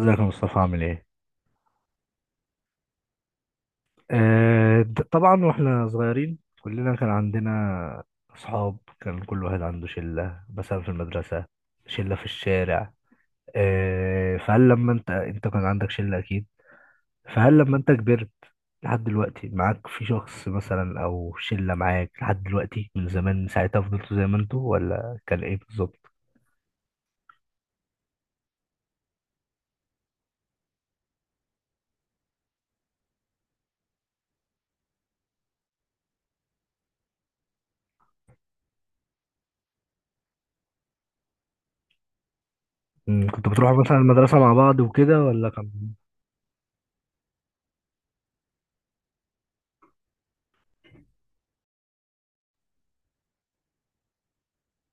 ازيك يا مصطفى عامل ايه؟ طبعا واحنا صغيرين كلنا كان عندنا اصحاب، كان كل واحد عنده شلة مثلا في المدرسة، شلة في الشارع. فهل لما انت كان عندك شلة اكيد؟ فهل لما انت كبرت لحد دلوقتي معاك في شخص مثلا او شلة معاك لحد دلوقتي من زمان، ساعتها فضلتوا زي ما انتوا ولا كان ايه بالظبط؟ مم، كنتوا بتروحوا مثلا المدرسة مع بعض وكده ولا كان؟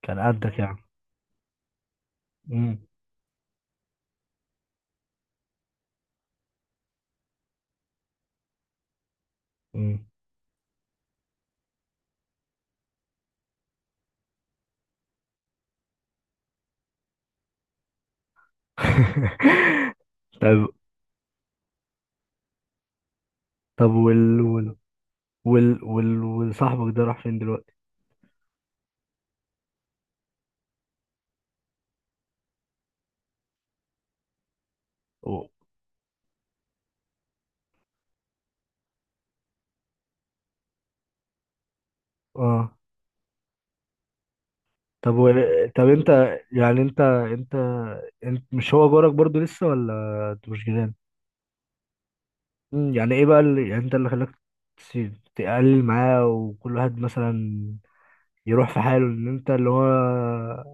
كان قدك يعني؟ مم. مم. طيب. طب والصاحبك ده راح فين دلوقتي؟ و- اه. طب طب انت، يعني انت، انت مش هو جارك برضو لسه ولا انت مش جيران؟ مم، يعني ايه بقى اللي يعني انت اللي خلاك تقلل معاه وكل واحد مثلا يروح في حاله، ان انت اللي هو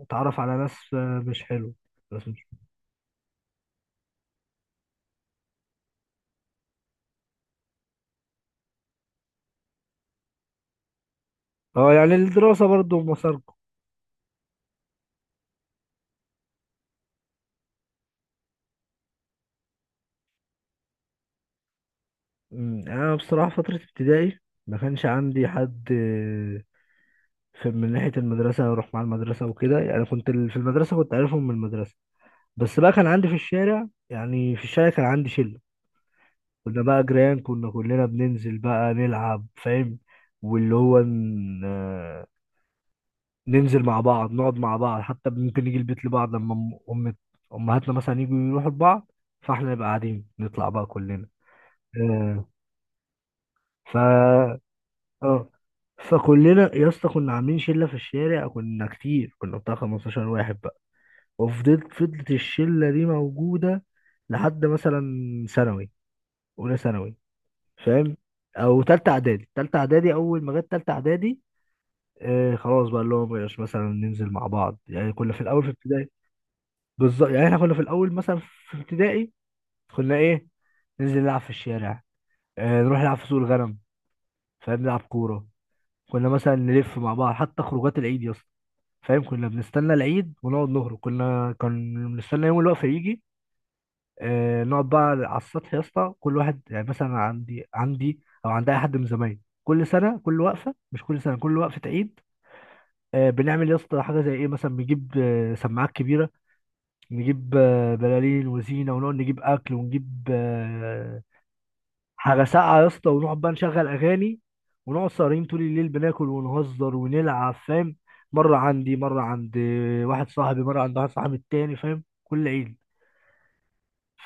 تعرف على ناس مش حلو، ناس مش. اه يعني الدراسة برضو مساركم. مم، انا بصراحة فترة ابتدائي ما كانش عندي حد في، من ناحية المدرسة أروح مع المدرسة وكده، يعني كنت في المدرسة كنت عارفهم من المدرسة، بس بقى كان عندي في الشارع، يعني في الشارع كان عندي شلة. كنا بقى جيران، كنا كلنا بننزل بقى نلعب، فاهم؟ واللي هو ن- آه، ننزل مع بعض، نقعد مع بعض، حتى ممكن نيجي البيت لبعض لما أم أم- أمهاتنا مثلا يجوا يروحوا لبعض، فاحنا نبقى قاعدين نطلع بقى كلنا. آه، ف اه فكلنا يا اسطى كنا عاملين شلة في الشارع، كنا كتير، كنا بتاع 15 واحد. وفضلت الشلة دي موجودة لحد مثلا ثانوي، أولى ثانوي، فاهم؟ أو تالتة إعدادي. تالتة إعدادي، أول ما جت تالتة إعدادي آه خلاص بقى اللي هو مبقاش مثلا ننزل مع بعض. يعني كنا في الأول في ابتدائي بالظبط. يعني إحنا كنا في الأول مثلا في ابتدائي كنا إيه، ننزل نلعب في الشارع، آه نروح نلعب في سوق الغنم، فاهم، نلعب كورة، كنا مثلا نلف مع بعض. حتى خروجات العيد يا اسطى، فاهم، كنا بنستنى العيد ونقعد نهرب، كنا كان بنستنى يوم الوقفة يجي، آه، نقعد بقى على السطح يا اسطى. كل واحد يعني مثلا عندي او عند اي حد من زمايلي، كل سنه كل وقفه، مش كل سنه كل وقفه عيد، آه، بنعمل يا اسطى حاجه زي ايه، مثلا بنجيب آه، سماعات كبيره، نجيب آه، بلالين وزينه، ونقعد نجيب اكل ونجيب حاجه ساقعه يا اسطى، ونقعد بقى نشغل اغاني، ونقعد سهرين طول الليل بناكل ونهزر ونلعب، فاهم، مره عندي مره عند واحد صاحبي، مره عند واحد صاحبي التاني، فاهم، كل عيد.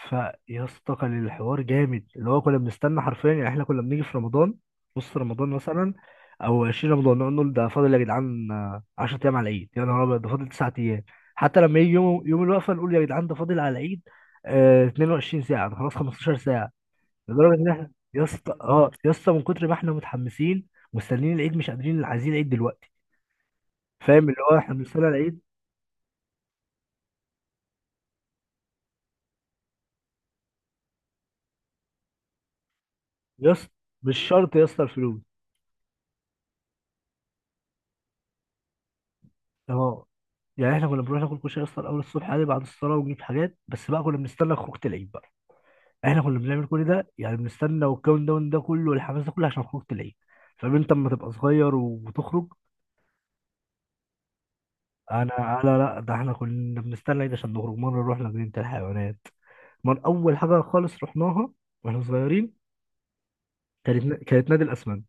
فيا اسطى كان الحوار جامد، اللي هو كنا بنستنى حرفيا، يعني احنا كنا بنيجي في رمضان نص رمضان مثلا او 20 رمضان، نقعد نقول ده فاضل يا جدعان آه، 10 ايام على العيد، يا نهار ابيض ده فاضل 9 ايام. حتى لما يجي يوم الوقفه نقول يا جدعان ده فاضل على العيد آه 22 ساعه، ده خلاص 15 ساعه. لدرجه ان احنا يا اسطى اه يا اسطى من كتر ما احنا متحمسين مستنيين العيد مش قادرين، عايزين العيد دلوقتي، فاهم، اللي هو احنا بنستنى العيد. يا اسطى مش شرط يا اسطى الفلوس. اه يعني احنا كنا بنروح ناكل كشري اصلا اول الصبح عادي بعد الصلاه، ونجيب حاجات، بس بقى كنا بنستنى خروجه العيد بقى. احنا كنا بنعمل كل ده، يعني بنستنى والكاونت داون ده كله والحماس ده كله عشان خروجه العيد، فاهم. انت اما تبقى صغير وتخرج. انا لا ده احنا كنا بنستنى العيد عشان نخرج. مره رحنا جنينه الحيوانات من اول حاجه خالص رحناها واحنا صغيرين، كانت نادي الاسمنت،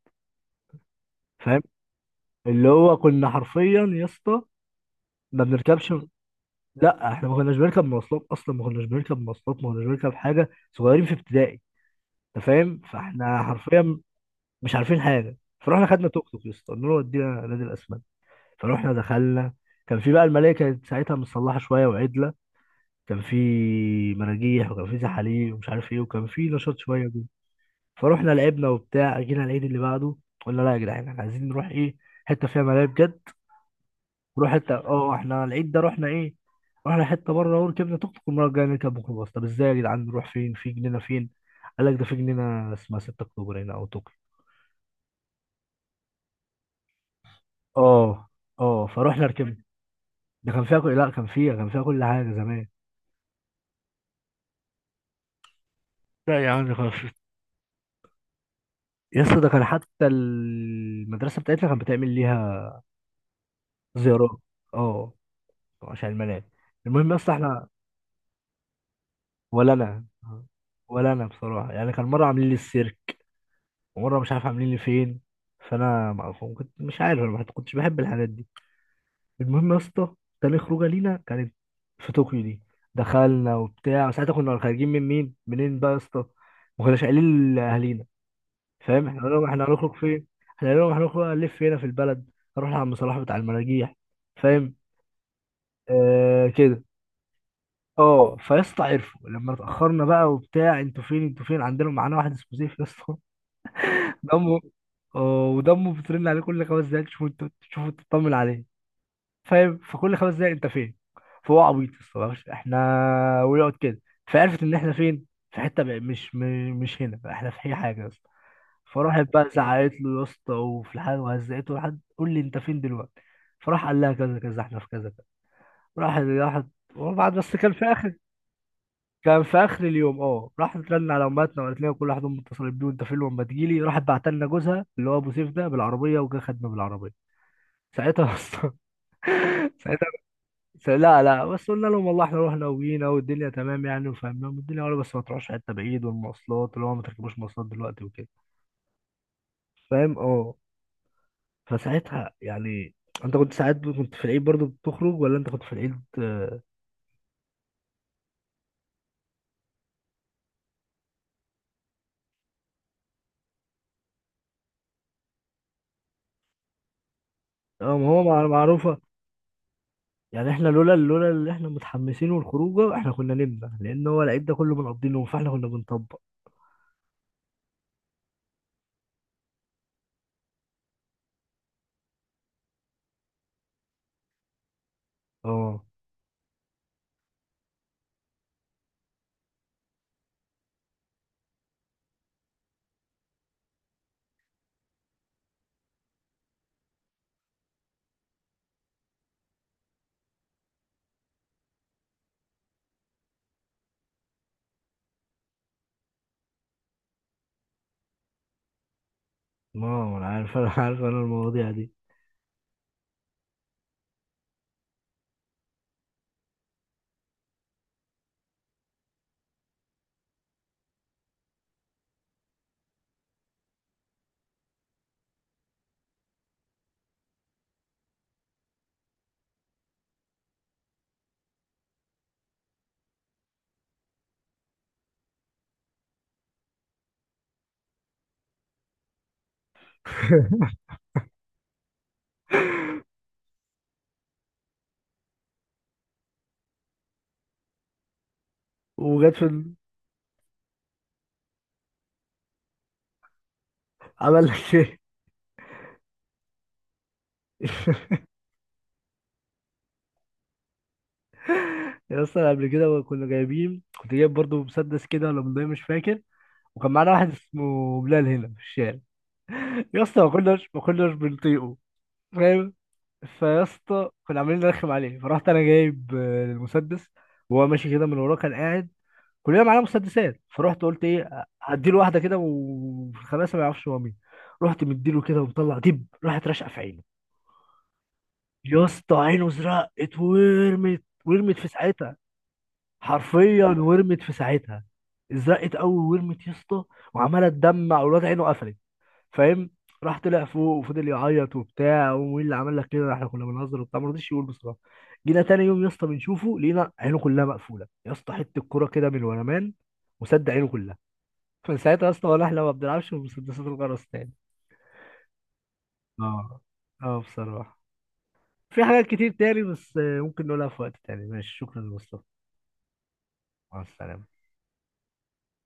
فاهم، اللي هو كنا حرفيا يا اسطى ما بنركبش. لا احنا ما كناش بنركب مواصلات اصلا، ما كناش بنركب مواصلات، ما كناش بنركب حاجه، صغيرين في ابتدائي، انت فاهم، فاحنا حرفيا مش عارفين حاجه. فروحنا خدنا توك توك يا اسطى، قلنا له ودينا نادي الاسماك، فروحنا دخلنا. كان في بقى الملاهي، كانت ساعتها متصلحه شويه وعدله، كان في مراجيح وكان في زحاليق ومش عارف ايه، وكان في نشاط شويه جدا. فروحنا لعبنا وبتاع. جينا العيد اللي بعده قلنا لا يا جدعان احنا عايزين نروح ايه، حته فيها ملاهي بجد، نروح حته. اه احنا العيد ده رحنا ايه، رحنا حته بره، وركبنا توك توك المره الجايه نركب ميكروباص. طب ازاي يا جدعان نروح فين، في جنينه فين، قال لك ده في جنينه اسمها 6 اكتوبر هنا، او توك، اه اه، فروحنا ركبنا. ده كان فيها لا كان فيها، كان فيها كل حاجه زمان. لا يا عم خلاص. يا اسطى ده كان حتى المدرسه بتاعتنا كانت بتعمل ليها زيارات، اه، عشان الملاعب. المهم يا اسطى احنا، ولا انا، ولا انا بصراحه يعني، كان مره عاملين لي السيرك، ومره مش عارف عاملين لي فين، فانا ما، كنت مش عارف، انا ما كنتش بحب الحاجات دي. المهم يا اسطى، تاني خروجه لينا كانت في طوكيو دي. دخلنا وبتاع. ساعتها كنا خارجين من مين منين بقى يا اسطى، ما كناش قايلين لاهالينا، فاهم، احنا قلنا احنا هنخرج فين، احنا قلنا هنخرج نلف هنا في البلد نروح لعم صلاح بتاع المراجيح، فاهم، آه كده. اه فيا اسطى عرفوا لما اتاخرنا بقى وبتاع، انتوا فين انتوا فين، عندنا معانا واحد اسمه سيف يا اسطى، دمه، اه ودمه بترن عليه كل خمس دقايق تشوفوا انتوا، تشوفوا تطمن عليه، فاهم، فكل خمس دقايق انت فين. فهو عبيط يا اسطى احنا، ويقعد كده. فعرفت ان احنا فين في حته بقى مش هنا احنا في اي حاجه. فراحت بقى زعقت له يا اسطى، وفي الحال وهزقته لحد قول لي انت فين دلوقتي، فراح قال لها كذا كذا احنا في كذا كذا. راح راحت، وبعد بس كان في اخر، كان في اخر اليوم اه، راحت ترن على امهاتنا وقالت لنا كل واحد امه اتصلت بيه وانت فين لما تجيلي. راحت بعت لنا جوزها اللي هو ابو سيف ده بالعربيه، وجا خدنا بالعربيه ساعتها اصلا. ساعتها، لا لا، بس قلنا لهم والله احنا رحنا وجينا والدنيا تمام يعني، وفهمناهم الدنيا، ولا بس ما تروحش حته بعيد، والمواصلات اللي هو ما تركبوش مواصلات دلوقتي وكده، فاهم، اه. فساعتها يعني، انت كنت ساعات كنت في العيد برضو بتخرج ولا، انت كنت في العيد اه؟ ما هو معروفة. يعني احنا لولا اللي احنا متحمسين والخروجه احنا كنا نمنا، لان هو العيد ده كله بنقضي نوم، فاحنا كنا بنطبق. اه ما هو انا عارف، انا عارف انا المواضيع دي. وجت في ال- عمل لك ايه؟ يا اسطى قبل كده كنا جايبين، كنت جايب برضو مسدس كده ولا بندقية مش فاكر، وكان معانا واحد اسمه بلال هنا في الشارع. يا اسطى ما كناش بنطيقه، فاهم. فيا اسطى كنا عاملين نرخم عليه. فرحت انا جايب آه، المسدس، وهو ماشي كده من وراه كان قاعد، كلنا معانا مسدسات. فرحت قلت ايه هديله واحده كده وخلاص ما يعرفش هو مين. رحت مديله كده ومطلع دب، راحت راشقه في عينه. يا اسطى عينه زرقت ورمت، ورمت في ساعتها، حرفيا ورمت في ساعتها، زرقت قوي ورمت يا اسطى، وعماله تدمع، والواد عينه قفلت، فاهم. راح طلع فوق وفضل يعيط وبتاع، ومين اللي عمل لك كده، احنا كنا بنهزر وبتاع، ما رضيش يقول بصراحه. جينا تاني يوم يا اسطى بنشوفه لقينا عينه كلها مقفوله يا اسطى، حته الكوره كده من ورا مان وسد عينه كلها. فساعتها يا اسطى ولا احنا ما بنلعبش بمسدسات الغرس تاني. اه، اه بصراحه. في حاجات كتير تاني بس آه، ممكن نقولها في وقت تاني. ماشي شكرا يا مصطفى. مع السلامه.